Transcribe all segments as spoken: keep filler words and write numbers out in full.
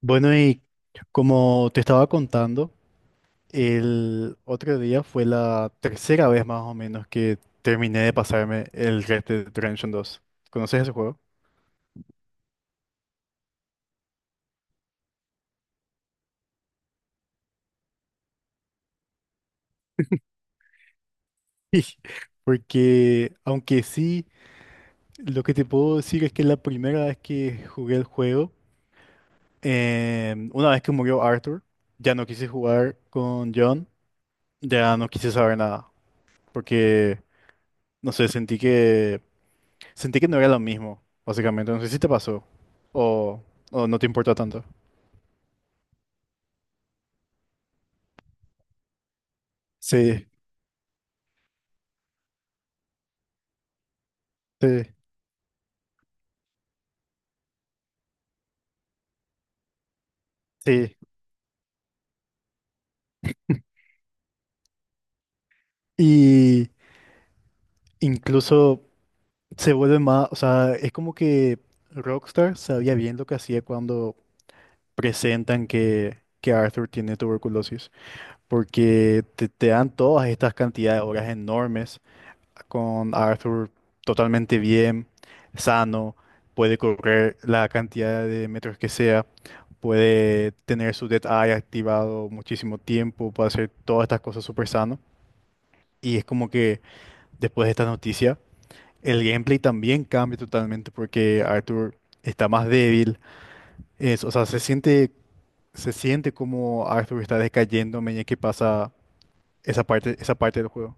Bueno, y como te estaba contando, el otro día fue la tercera vez más o menos que terminé de pasarme el Red Dead Redemption dos. ¿Conoces ese juego? Porque aunque sí, lo que te puedo decir es que la primera vez que jugué el juego, em, una vez que murió Arthur, ya no quise jugar con John, ya no quise saber nada, porque, no sé, sentí que Sentí que no era lo mismo, básicamente. No sé si te pasó o, o no te importa tanto. Sí, sí, sí. Y incluso se vuelve más, o sea, es como que Rockstar sabía bien lo que hacía cuando presentan que, que Arthur tiene tuberculosis, porque te, te dan todas estas cantidades de horas enormes con Arthur totalmente bien, sano, puede correr la cantidad de metros que sea, puede tener su Dead Eye activado muchísimo tiempo, puede hacer todas estas cosas súper sano. Y es como que después de esta noticia, el gameplay también cambia totalmente porque Arthur está más débil, es, o sea, se siente, se siente como Arthur está decayendo a medida que pasa esa parte, esa parte del juego.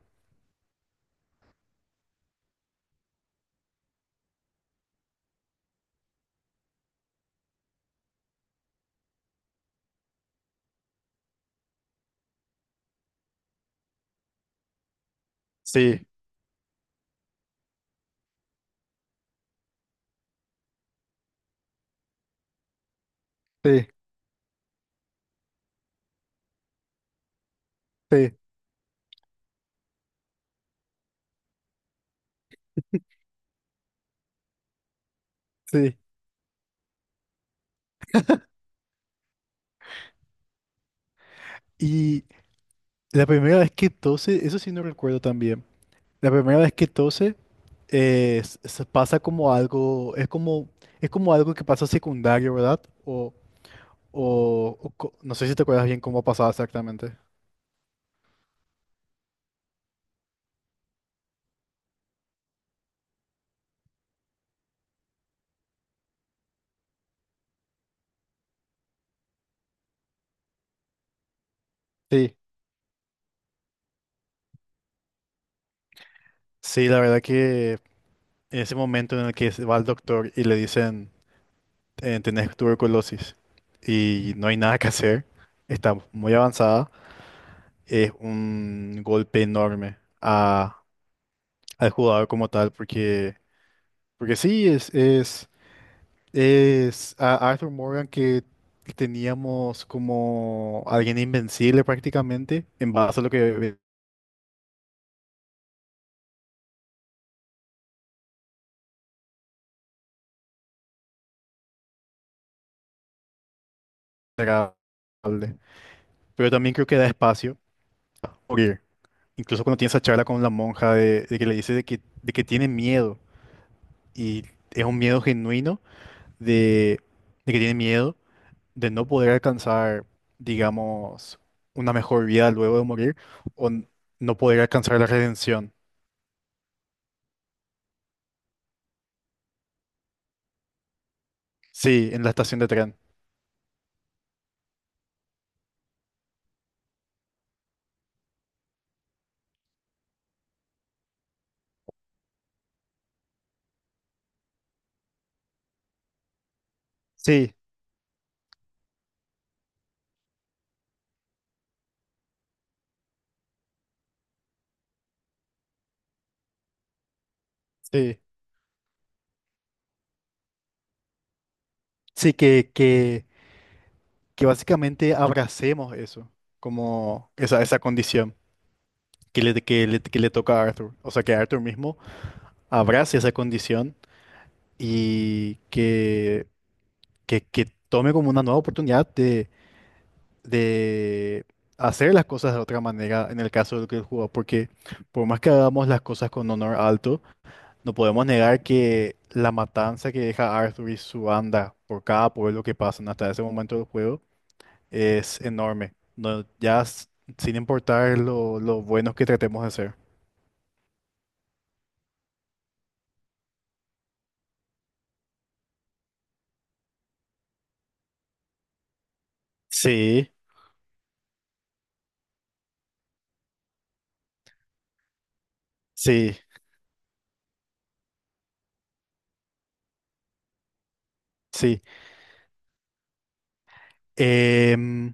Sí, sí, sí, sí. Y la primera vez que tose, eso sí no recuerdo también. La primera vez que tose eh, s- se pasa como algo, es como, es como algo que pasa secundario, ¿verdad? O, o, o co- no sé si te acuerdas bien cómo pasaba exactamente. Sí. Sí, la verdad que en ese momento en el que se va al doctor y le dicen, eh, tenés tuberculosis y no hay nada que hacer, está muy avanzada, es un golpe enorme a, al jugador como tal, porque, porque sí, es, es Es a Arthur Morgan, que teníamos como alguien invencible prácticamente, en base a lo que era hable. Pero también creo que da espacio a morir. Incluso cuando tiene esa charla con la monja de, de que le dice de que, de que tiene miedo. Y es un miedo genuino de, de que tiene miedo de no poder alcanzar, digamos, una mejor vida luego de morir o n- no poder alcanzar la redención. Sí, en la estación de tren. Sí, sí. Sí, que, que, que básicamente abracemos eso, como esa, esa condición que le, que le, que le toca a Arthur. O sea, que Arthur mismo abrace esa condición y que, que, que tome como una nueva oportunidad de, de hacer las cosas de otra manera en el caso del que él jugó. Porque por más que hagamos las cosas con honor alto, no podemos negar que la matanza que deja Arthur y su banda por cada pueblo que pasan hasta ese momento del juego es enorme. No, ya s- sin importar lo, lo buenos que tratemos de ser. Sí, sí, sí. Em,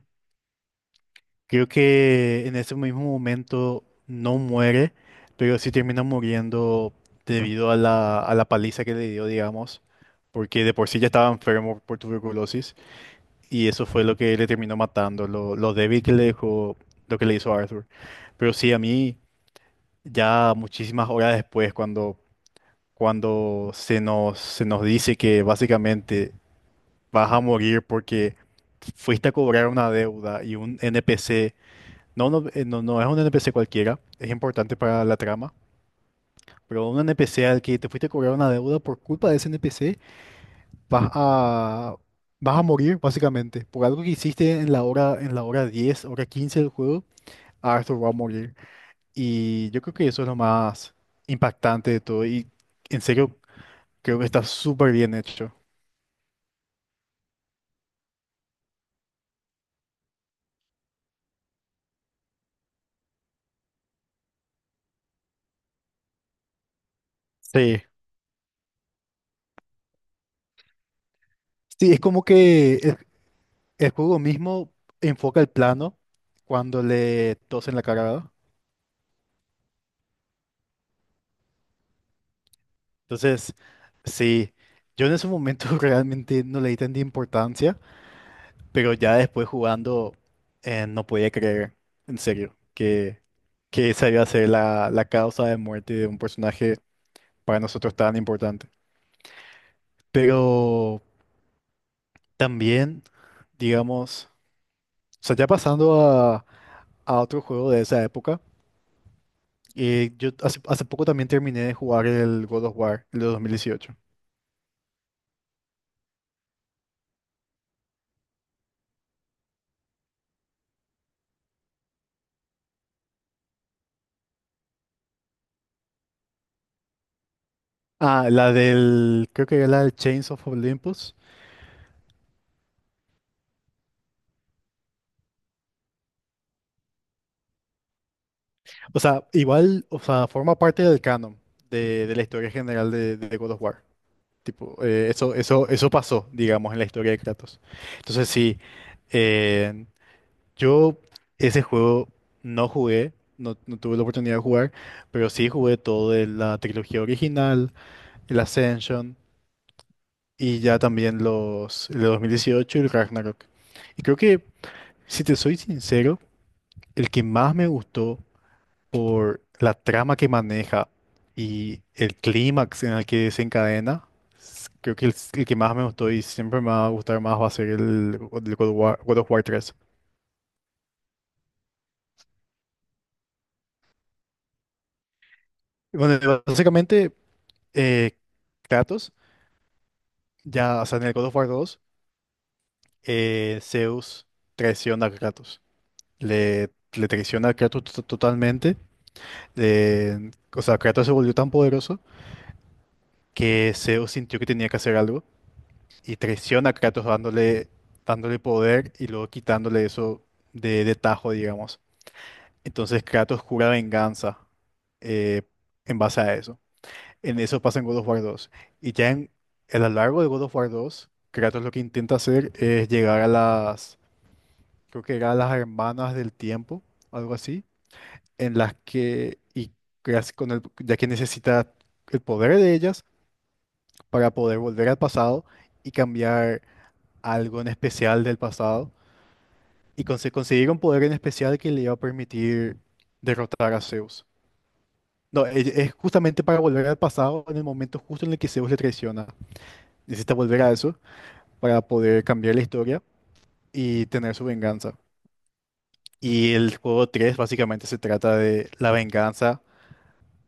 Creo que en ese mismo momento no muere, pero sí termina muriendo debido a la, a la paliza que le dio, digamos, porque de por sí ya estaba enfermo por tuberculosis y eso fue lo que le terminó matando, lo, lo débil que le dejó, lo que le hizo Arthur. Pero sí, a mí ya muchísimas horas después, cuando cuando se nos, se nos dice que básicamente vas a morir porque fuiste a cobrar una deuda y un N P C, no, no, eh, no, no es un N P C cualquiera, es importante para la trama, pero un N P C al que te fuiste a cobrar una deuda por culpa de ese N P C, vas a, vas a morir básicamente por algo que hiciste en la hora, en la hora diez, hora quince del juego, Arthur va a morir. Y yo creo que eso es lo más impactante de todo y, en serio, creo que está súper bien hecho. Sí, sí, es como que el, el juego mismo enfoca el plano cuando le tosen la cara, ¿verdad? Entonces, sí, yo en ese momento realmente no le di tanta importancia, pero ya después jugando eh, no podía creer, en serio, que, que esa iba a ser la, la causa de muerte de un personaje para nosotros tan importante. Pero también, digamos, o sea, ya pasando a, a otro juego de esa época. Eh, yo hace, hace poco también terminé de jugar el God of War, el de dos mil dieciocho. Ah, la del, creo que era la del Chains of Olympus. O sea, igual, o sea, forma parte del canon de, de la historia general de, de God of War. Tipo, eh, eso, eso, eso pasó, digamos, en la historia de Kratos. Entonces sí, eh, yo ese juego no jugué, no, no tuve la oportunidad de jugar, pero sí jugué todo de la trilogía original, el Ascension. Y ya también los el de dos mil dieciocho y el Ragnarok. Y creo que, si te soy sincero, el que más me gustó por la trama que maneja y el clímax en el que se encadena, s- creo que el, el que más me gustó y siempre me va a gustar más va a ser el, el God of War, God of War tres. Bueno, básicamente, eh, Kratos, ya, o sea, en el God of War dos, eh, Zeus traiciona a Kratos. Le, le traiciona a Kratos to- totalmente, eh, o sea, Kratos se volvió tan poderoso que Zeus sintió que tenía que hacer algo y traiciona a Kratos dándole, dándole poder y luego quitándole eso de, de tajo, digamos. Entonces Kratos jura venganza, eh, en base a eso. En eso pasa en God of War dos. Y ya en, a lo largo de God of War dos, Kratos lo que intenta hacer es llegar a las, creo que era, a las hermanas del tiempo, algo así, en las que, y casi con el, ya que necesita el poder de ellas para poder volver al pasado y cambiar algo en especial del pasado y conse- conseguir un poder en especial que le iba a permitir derrotar a Zeus. No, e- es justamente para volver al pasado en el momento justo en el que Zeus le traiciona. Necesita volver a eso para poder cambiar la historia y tener su venganza. Y el juego tres básicamente se trata de la venganza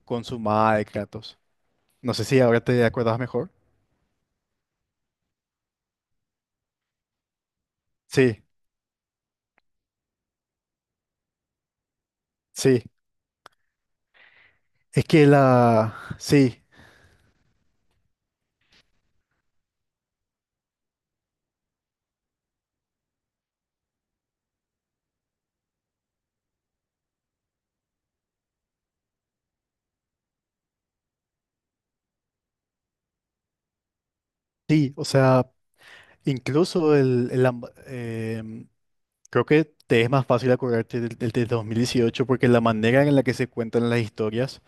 consumada de Kratos. No sé si ahora te acordás mejor. Sí, sí. Es que la... Sí, sí. O sea, incluso el, el amb- em, creo que te es más fácil acordarte del, del de dos mil dieciocho porque la manera en la que se cuentan las historias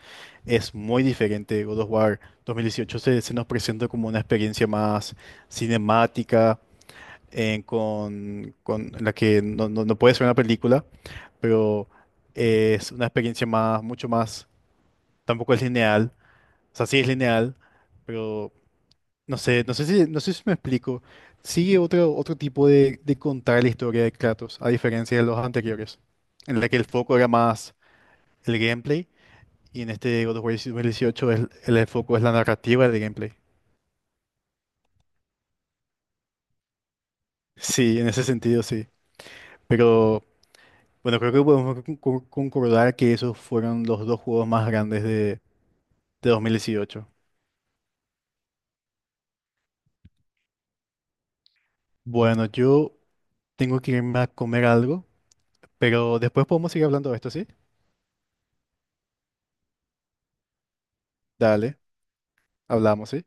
es muy diferente. God of War dos mil dieciocho se, se nos presenta como una experiencia más cinemática, eh, con, con la que no, no, no puede ser una película, pero es una experiencia más, mucho más, tampoco es lineal, o sea, sí es lineal, no sé, no sé si, no sé si me explico. Sigue otro, otro tipo de, de contar la historia de Kratos, a diferencia de los anteriores, en la que el foco era más el gameplay, y en este God of War dos mil dieciocho el, el el foco es la narrativa del gameplay. Sí, en ese sentido sí. Pero bueno, creo que podemos con- con- concordar que esos fueron los dos juegos más grandes de, de dos mil dieciocho. Bueno, yo tengo que irme a comer algo, pero después podemos seguir hablando de esto, ¿sí? Dale, hablamos, ¿sí?